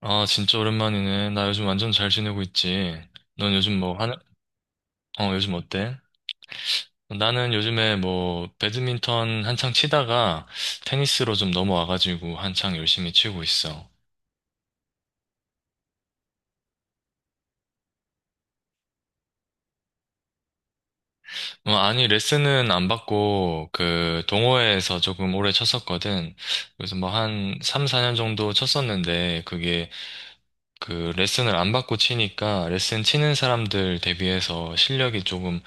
아, 진짜 오랜만이네. 나 요즘 완전 잘 지내고 있지. 넌 요즘 뭐 하는, 어, 요즘 어때? 나는 요즘에 뭐, 배드민턴 한창 치다가 테니스로 좀 넘어와가지고 한창 열심히 치고 있어. 뭐, 아니, 레슨은 안 받고, 그, 동호회에서 조금 오래 쳤었거든. 그래서 뭐 한 3, 4년 정도 쳤었는데, 그게 그 레슨을 안 받고 치니까 레슨 치는 사람들 대비해서 실력이 조금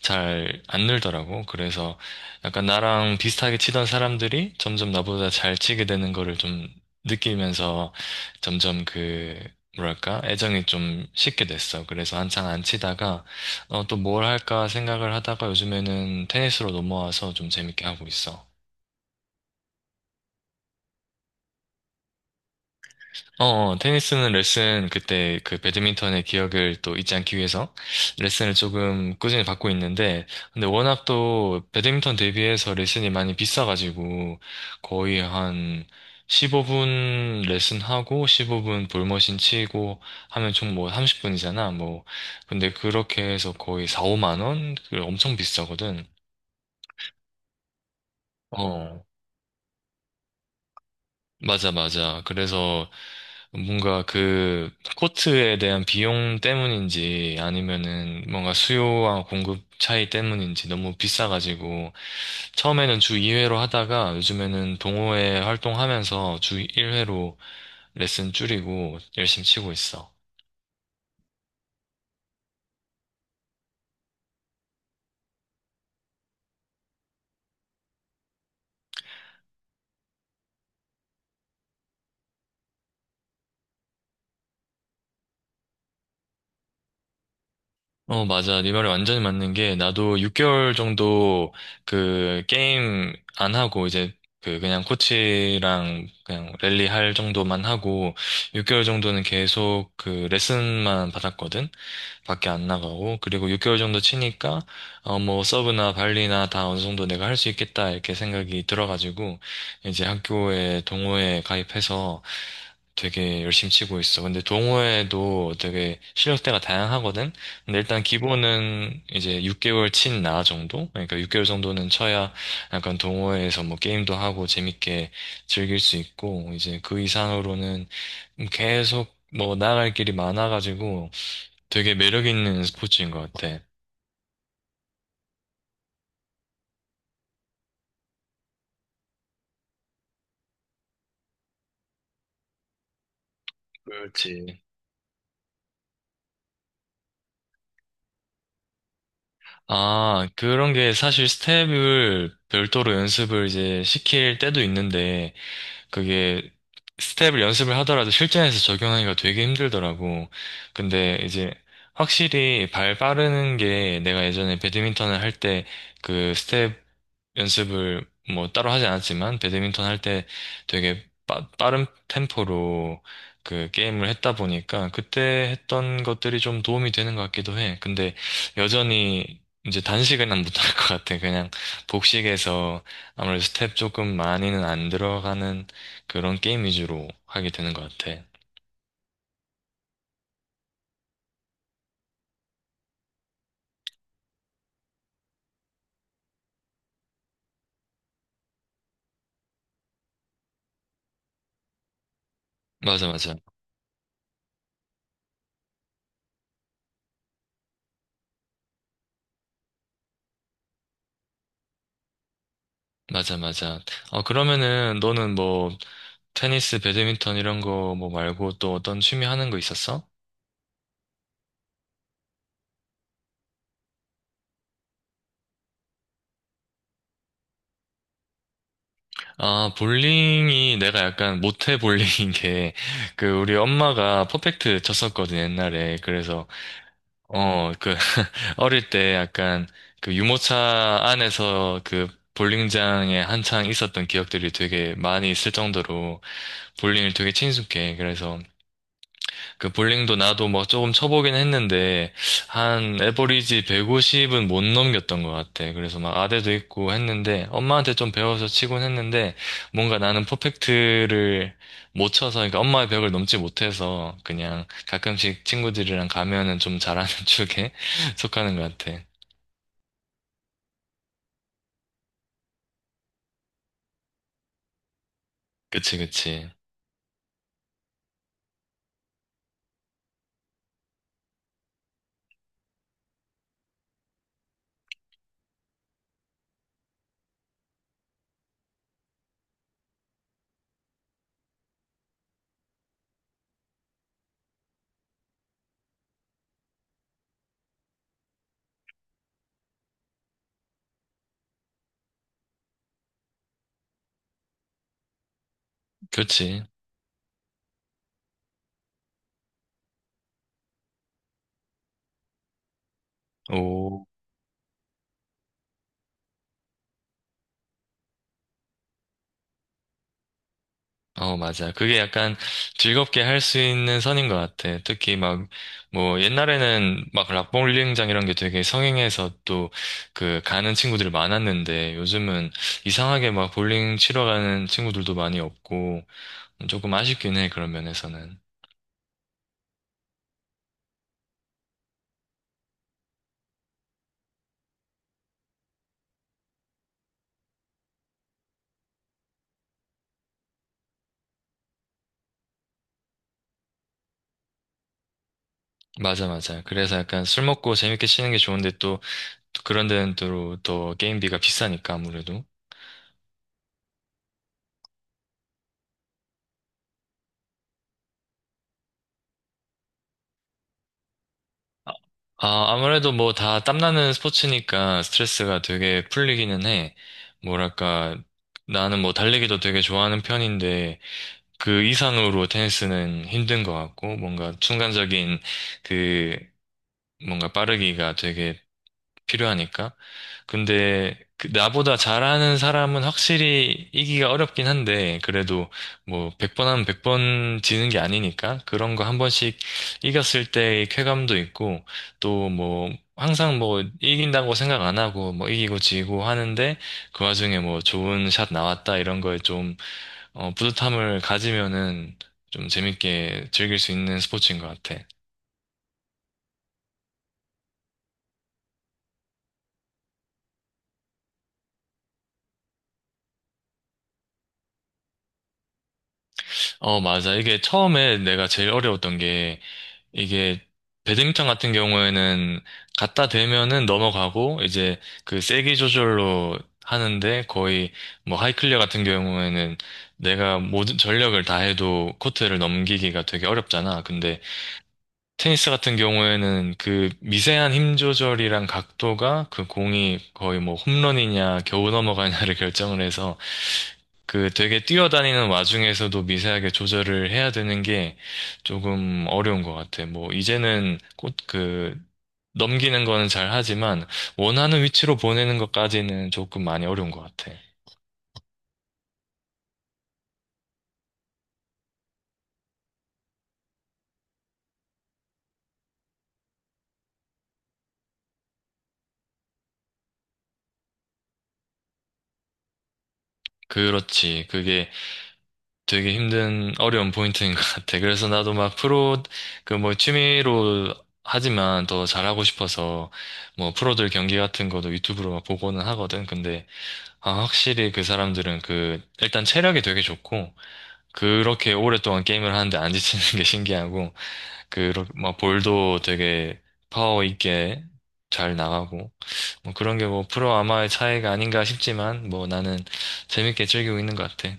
잘 안 늘더라고. 그래서 약간 나랑 비슷하게 치던 사람들이 점점 나보다 잘 치게 되는 거를 좀 느끼면서 점점 그 뭐랄까 애정이 좀 식게 됐어. 그래서 한창 안 치다가 어, 또 뭘 할까 생각을 하다가 요즘에는 테니스로 넘어와서 좀 재밌게 하고 있어. 어, 어, 테니스는 레슨, 그때 그 배드민턴의 기억을 또 잊지 않기 위해서 레슨을 조금 꾸준히 받고 있는데, 근데 워낙 또 배드민턴 대비해서 레슨이 많이 비싸가지고, 거의 한 15분 레슨하고, 15분 볼머신 치고 하면 총 뭐 30분이잖아, 뭐. 근데 그렇게 해서 거의 4, 5만 원? 그 엄청 비싸거든. 어. 맞아, 맞아. 그래서 뭔가 그 코트에 대한 비용 때문인지 아니면은 뭔가 수요와 공급 차이 때문인지 너무 비싸가지고 처음에는 주 2회로 하다가 요즘에는 동호회 활동하면서 주 1회로 레슨 줄이고 열심히 치고 있어. 어, 맞아. 네 말이 완전히 맞는 게, 나도 6개월 정도 그 게임 안 하고, 이제 그 그냥 코치랑 그냥 랠리 할 정도만 하고, 6개월 정도는 계속 그 레슨만 받았거든? 밖에 안 나가고 그리고 6개월 정도 치니까 어 뭐 서브나 발리나 다 어느 정도 내가 할 수 있겠다 이렇게 생각이 들어가지고 이제 학교에 동호회에 가입해서 되게 열심히 치고 있어. 근데 동호회도 되게 실력대가 다양하거든. 근데 일단 기본은 이제 6개월 친 나 정도? 그러니까 6개월 정도는 쳐야 약간 동호회에서 뭐 게임도 하고 재밌게 즐길 수 있고 이제 그 이상으로는 계속 뭐 나아갈 길이 많아가지고 되게 매력 있는 스포츠인 것 같아. 그렇지. 아, 그런 게 사실 스텝을 별도로 연습을 이제 시킬 때도 있는데, 그게 스텝을 연습을 하더라도 실전에서 적용하기가 되게 힘들더라고. 근데 이제 확실히 발 빠르는 게 내가 예전에 배드민턴을 할 때 그 스텝 연습을 뭐 따로 하지 않았지만 배드민턴 할 때 되게 빠른 템포로 그 게임을 했다 보니까 그때 했던 것들이 좀 도움이 되는 것 같기도 해. 근데 여전히 이제 단식은 못할 것 같아. 그냥 복식에서 아무래도 스텝 조금 많이는 안 들어가는 그런 게임 위주로 하게 되는 것 같아. 맞아, 맞아. 맞아, 맞아. 어, 그러면은 너는 뭐 테니스, 배드민턴 이런 거 뭐 말고 또 어떤 취미 하는 거 있었어? 아, 볼링이 내가 약간 못해 볼링인 게, 그, 우리 엄마가 퍼펙트 쳤었거든, 옛날에. 그래서, 어, 그, 어릴 때 약간, 그 유모차 안에서 그 볼링장에 한창 있었던 기억들이 되게 많이 있을 정도로 볼링을 되게 친숙해. 그래서, 그 볼링도 나도 뭐 조금 쳐보긴 했는데 한 에버리지 150은 못 넘겼던 것 같아. 그래서 막 아대도 있고 했는데 엄마한테 좀 배워서 치곤 했는데 뭔가 나는 퍼펙트를 못 쳐서 그러니까 엄마의 벽을 넘지 못해서 그냥 가끔씩 친구들이랑 가면은 좀 잘하는 쪽에 속하는 것 같아. 그치 그치. 그치. 오. 어, 맞아. 그게 약간 즐겁게 할 수 있는 선인 것 같아. 특히 막, 뭐, 옛날에는 막 락볼링장 이런 게 되게 성행해서 또 그 가는 친구들이 많았는데 요즘은 이상하게 막 볼링 치러 가는 친구들도 많이 없고 조금 아쉽긴 해, 그런 면에서는. 맞아, 맞아. 그래서 약간 술 먹고 재밌게 치는 게 좋은데 또 그런 데는 또, 또 게임비가 비싸니까 아무래도. 아, 아무래도 뭐 다 땀나는 스포츠니까 스트레스가 되게 풀리기는 해. 뭐랄까, 나는 뭐 달리기도 되게 좋아하는 편인데 그 이상으로 테니스는 힘든 것 같고 뭔가 순간적인 그 뭔가 빠르기가 되게 필요하니까 근데 그 나보다 잘하는 사람은 확실히 이기가 어렵긴 한데 그래도 뭐 100번 하면 100번 지는 게 아니니까 그런 거 한 번씩 이겼을 때의 쾌감도 있고 또 뭐 항상 뭐 이긴다고 생각 안 하고 뭐 이기고 지고 하는데 그 와중에 뭐 좋은 샷 나왔다 이런 거에 좀 어, 뿌듯함을 가지면은 좀 재밌게 즐길 수 있는 스포츠인 것 같아. 어, 맞아. 이게 처음에 내가 제일 어려웠던 게 이게 배드민턴 같은 경우에는 갖다 대면은 넘어가고 이제 그 세기 조절로 하는데 거의 뭐 하이클리어 같은 경우에는 내가 모든 전력을 다해도 코트를 넘기기가 되게 어렵잖아. 근데 테니스 같은 경우에는 그 미세한 힘 조절이랑 각도가 그 공이 거의 뭐 홈런이냐 겨우 넘어가냐를 결정을 해서 그 되게 뛰어다니는 와중에서도 미세하게 조절을 해야 되는 게 조금 어려운 것 같아. 뭐 이제는 곧그 넘기는 거는 잘 하지만 원하는 위치로 보내는 것까지는 조금 많이 어려운 것 같아. 그렇지. 그게 되게 힘든 어려운 포인트인 것 같아. 그래서 나도 막 프로 그 뭐 취미로 하지만 더 잘하고 싶어서 뭐 프로들 경기 같은 것도 유튜브로 막 보고는 하거든. 근데 아, 확실히 그 사람들은 그 일단 체력이 되게 좋고 그렇게 오랫동안 게임을 하는데 안 지치는 게 신기하고 그막 볼도 되게 파워 있게 잘 나가고 뭐 그런 게 뭐 프로 아마의 차이가 아닌가 싶지만 뭐 나는 재밌게 즐기고 있는 것 같아.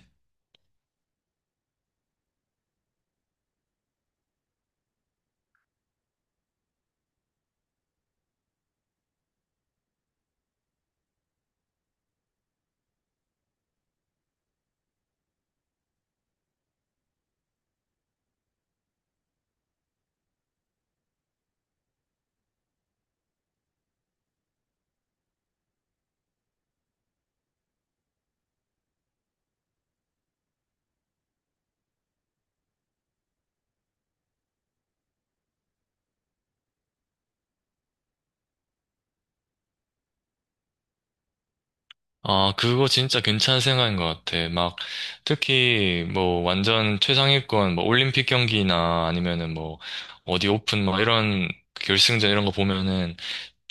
아, 그거 진짜 괜찮은 생각인 것 같아. 막, 특히, 뭐, 완전 최상위권, 뭐, 올림픽 경기나 아니면은 뭐, 어디 오픈, 뭐, 이런 결승전 이런 거 보면은,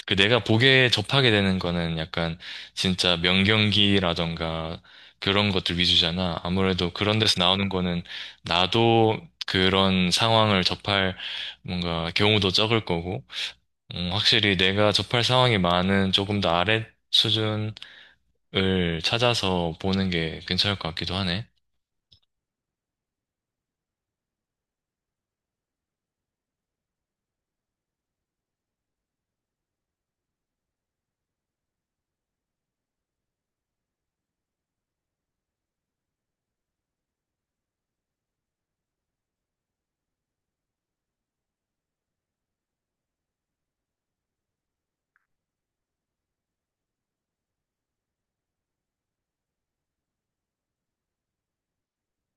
그 내가 보게 접하게 되는 거는 약간, 진짜 명경기라던가, 그런 것들 위주잖아. 아무래도 그런 데서 나오는 거는, 나도 그런 상황을 접할, 뭔가, 경우도 적을 거고, 확실히 내가 접할 상황이 많은 조금 더 아래 수준, 을 찾아서 보는 게 괜찮을 것 같기도 하네.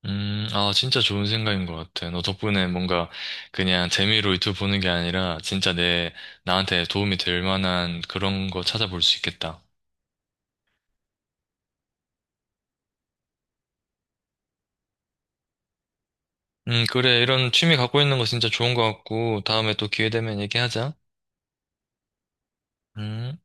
아, 진짜 좋은 생각인 것 같아. 너 덕분에 뭔가 그냥 재미로 유튜브 보는 게 아니라 진짜 내, 나한테 도움이 될 만한 그런 거 찾아볼 수 있겠다. 그래. 이런 취미 갖고 있는 거 진짜 좋은 것 같고, 다음에 또 기회 되면 얘기하자. 음.